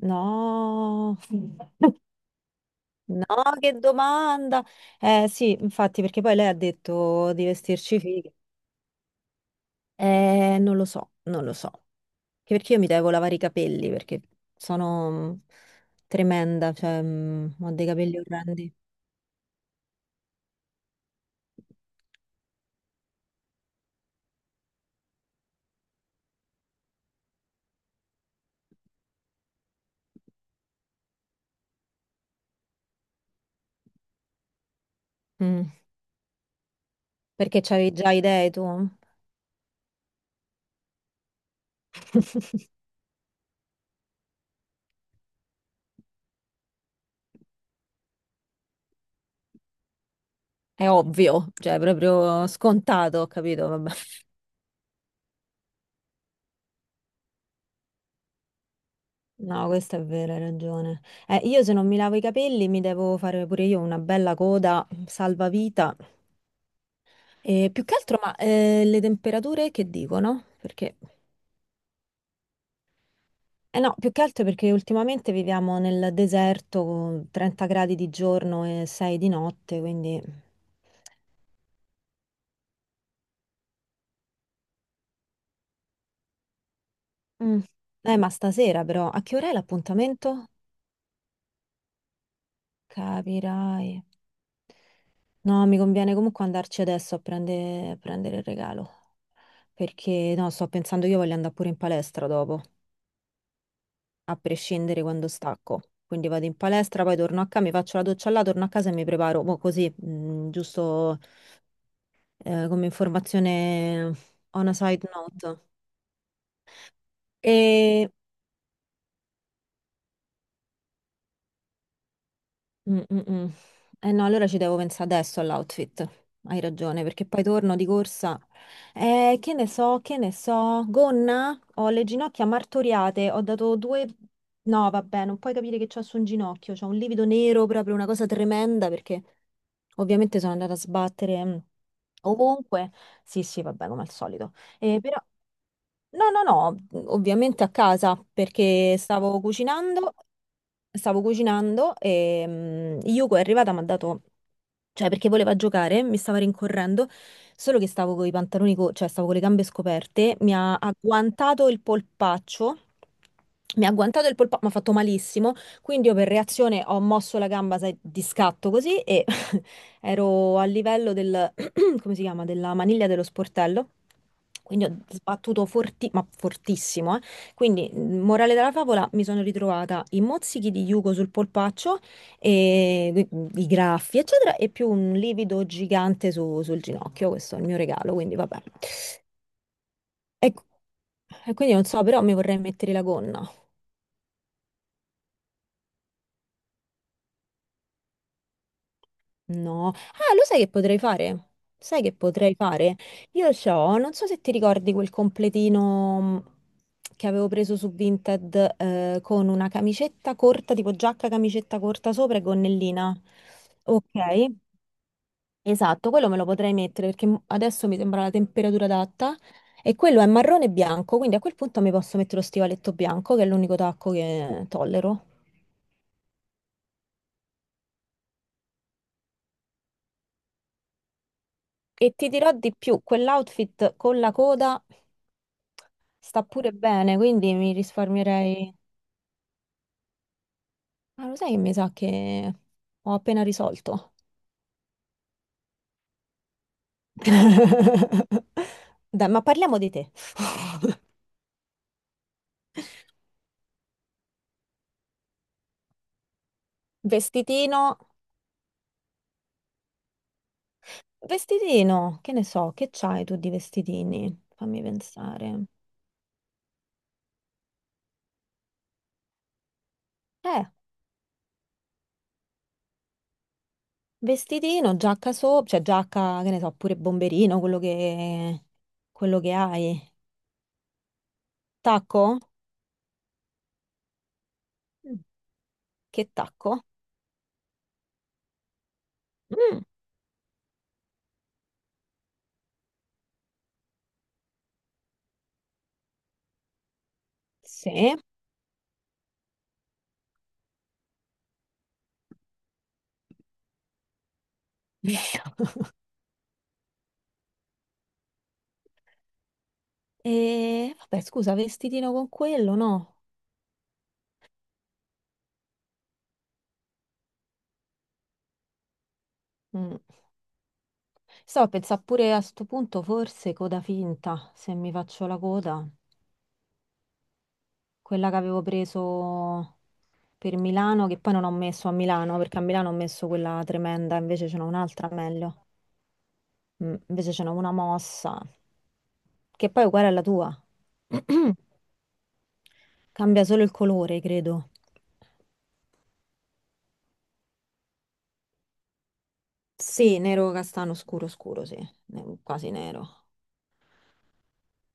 No, no, che domanda. Eh sì, infatti, perché poi lei ha detto di vestirci fighe. Non lo so, non lo so. Anche perché io mi devo lavare i capelli, perché sono tremenda, cioè ho dei capelli orrendi. Mm. Perché c'avevi già idee tu? È ovvio, cioè è proprio scontato, ho capito? Vabbè. No, questa è vera, hai ragione. Io se non mi lavo i capelli mi devo fare pure io una bella coda salvavita. E più che altro, ma le temperature che dicono? Perché... Eh no, più che altro perché ultimamente viviamo nel deserto con 30 gradi di giorno e 6 di notte, quindi... Mm. Ma stasera però, a che ora è l'appuntamento? Capirai. No, mi conviene comunque andarci adesso a a prendere il regalo. Perché no, sto pensando io voglio andare pure in palestra dopo, a prescindere quando stacco. Quindi vado in palestra, poi torno a casa, mi faccio la doccia là, torno a casa e mi preparo. Mo' così, giusto come informazione on a side note. Mm, mm, mm. Eh no, allora ci devo pensare adesso all'outfit. Hai ragione, perché poi torno di corsa. Che ne so, che ne so. Gonna? Ho le ginocchia martoriate. Ho dato due... No, vabbè, non puoi capire che c'ho su un ginocchio. C'ho un livido nero, proprio una cosa tremenda, perché ovviamente sono andata a sbattere ovunque. Sì, sì, vabbè, come al solito. Però... No, no, no, ovviamente a casa, perché stavo cucinando. Stavo cucinando e Yuko è arrivata e mi ha dato, cioè, perché voleva giocare, mi stava rincorrendo, solo che stavo con i pantaloni, cioè stavo con le gambe scoperte, mi ha agguantato il polpaccio, mi ha agguantato il polpaccio, mi ha fatto malissimo, quindi io per reazione ho mosso la gamba, sai, di scatto così e ero a livello del, come si chiama, della maniglia dello sportello, quindi ho sbattuto ma fortissimo, eh. Quindi, morale della favola, mi sono ritrovata i mozzichi di Yugo sul polpaccio e i graffi, eccetera, e più un livido gigante sul ginocchio. Questo è il mio regalo, quindi vabbè. E, e quindi non so, però mi vorrei mettere la gonna. No. Ah, lo sai che potrei fare? Sai che potrei fare? Io c'ho, non so se ti ricordi quel completino che avevo preso su Vinted con una camicetta corta, tipo giacca, camicetta corta sopra e gonnellina. Ok. Esatto, quello me lo potrei mettere perché adesso mi sembra la temperatura adatta e quello è marrone e bianco, quindi a quel punto mi posso mettere lo stivaletto bianco, che è l'unico tacco che tollero. E ti dirò di più, quell'outfit con la coda sta pure bene, quindi mi risparmierei... Ma lo sai che mi sa che ho appena risolto? Dai, ma parliamo di te. Vestitino, vestitino, che ne so, che c'hai tu di vestitini? Fammi pensare. Eh. Vestitino, giacca sopra, cioè giacca, che ne so, pure bomberino, quello che hai. Tacco? Mm, che tacco? Mm, sì. E vabbè, scusa, vestitino con quello, no? Mm. Stavo a pensare pure a sto punto, forse coda finta, se mi faccio la coda. Quella che avevo preso per Milano, che poi non ho messo a Milano, perché a Milano ho messo quella tremenda, invece ce n'ho un'altra meglio. Invece c'è una mossa, che poi è uguale alla tua. Cambia solo il colore, credo. Sì, nero castano scuro scuro, sì, quasi nero.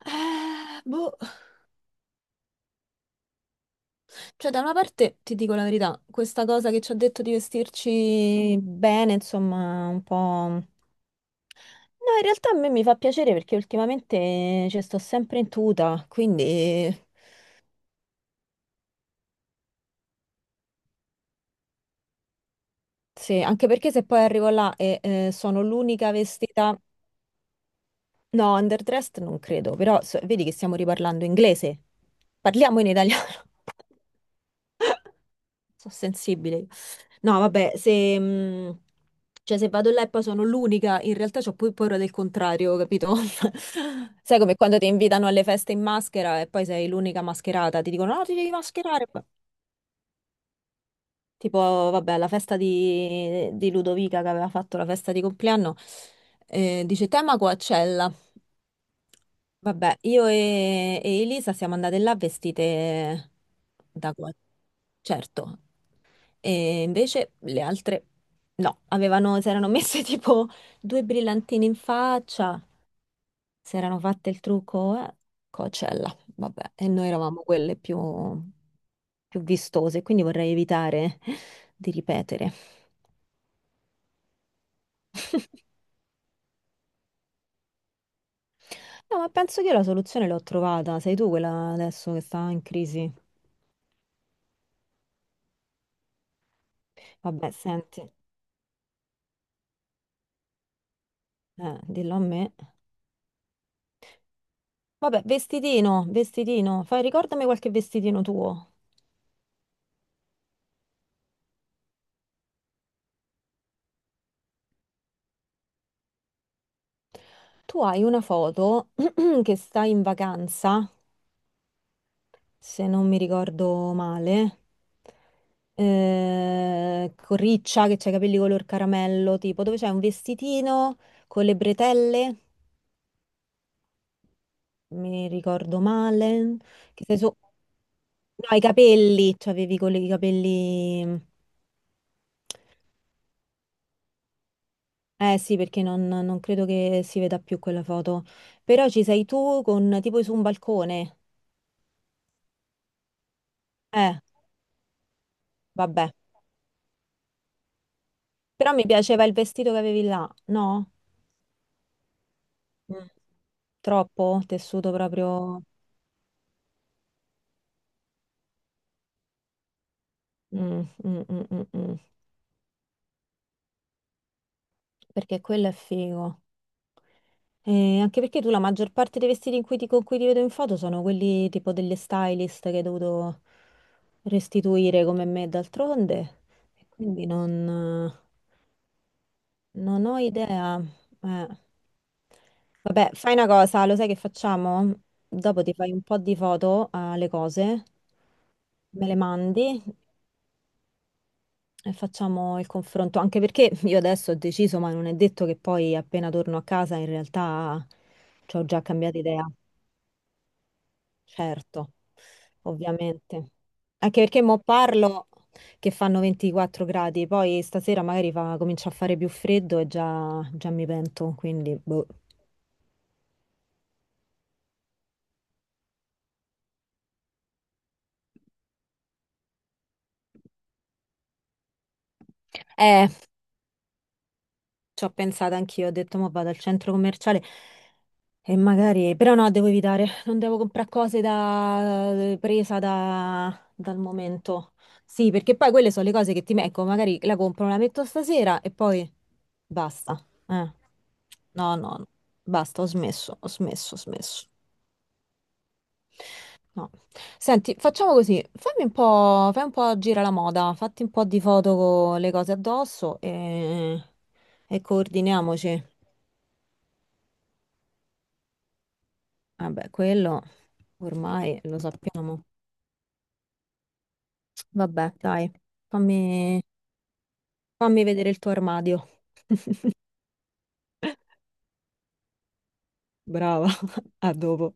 Eh, boh, cioè da una parte ti dico la verità, questa cosa che ci ha detto di vestirci bene, insomma, un po'... No, in realtà a me mi fa piacere perché ultimamente ci sto sempre in tuta, quindi sì, anche perché se poi arrivo là e sono l'unica vestita... No, underdressed non credo, però vedi che stiamo riparlando inglese. Parliamo in italiano. Sono sensibile. Io. No, vabbè, se, cioè, se vado là e poi sono l'unica, in realtà ho poi paura del contrario, capito? Sai come quando ti invitano alle feste in maschera e poi sei l'unica mascherata, ti dicono no, ti devi mascherare. Tipo, vabbè, la festa di Ludovica che aveva fatto la festa di compleanno, dice tema Coachella. Vabbè, io e Elisa siamo andate là vestite da qua, certo. E invece le altre no, avevano, si erano messe tipo due brillantini in faccia si erano fatte il trucco a Coachella, vabbè, e noi eravamo quelle più, più vistose, quindi vorrei evitare di ripetere. No, ma penso che io la soluzione l'ho trovata, sei tu quella adesso che sta in crisi. Vabbè, senti, dillo a me. Vabbè, vestitino, vestitino, fai, ricordami qualche vestitino tuo. Tu hai una foto che stai in vacanza se non mi ricordo male, con Riccia che c'ha i capelli color caramello, tipo dove c'è un vestitino con le bretelle, mi ricordo male, che sei su... No, i capelli, cioè avevi con i capelli... Eh sì, perché non credo che si veda più quella foto. Però ci sei tu con tipo su un balcone. Eh, vabbè. Però mi piaceva il vestito che avevi là, no? Mm. Troppo tessuto proprio. Mm, mm, mm, mm, mm. Perché quello è figo. E anche perché tu la maggior parte dei vestiti in cui con cui ti vedo in foto sono quelli tipo delle stylist che hai dovuto restituire come me d'altronde. E quindi non, non ho idea. Eh. Vabbè, fai una cosa, lo sai che facciamo? Dopo ti fai un po' di foto alle cose, me le mandi. E facciamo il confronto, anche perché io adesso ho deciso, ma non è detto che poi appena torno a casa in realtà ci ho già cambiato idea. Certo, ovviamente. Anche perché mo parlo che fanno 24 gradi, poi stasera magari comincia a fare più freddo e già mi pento, quindi boh. Eh, Ci ho pensato anch'io, ho detto, ma vado al centro commerciale e magari, però no, devo evitare, non devo comprare cose da... presa dal momento. Sì, perché poi quelle sono le cose che ti ecco, magari la compro, la metto stasera e poi basta. Eh. No, no, no. Basta, ho smesso, ho smesso, ho smesso. No. Senti, facciamo così, fammi un po', fai un po' gira la moda, fatti un po' di foto con le cose addosso e coordiniamoci. Vabbè, quello ormai lo sappiamo. Vabbè, dai, fammi, fammi vedere il tuo armadio. Brava, a dopo.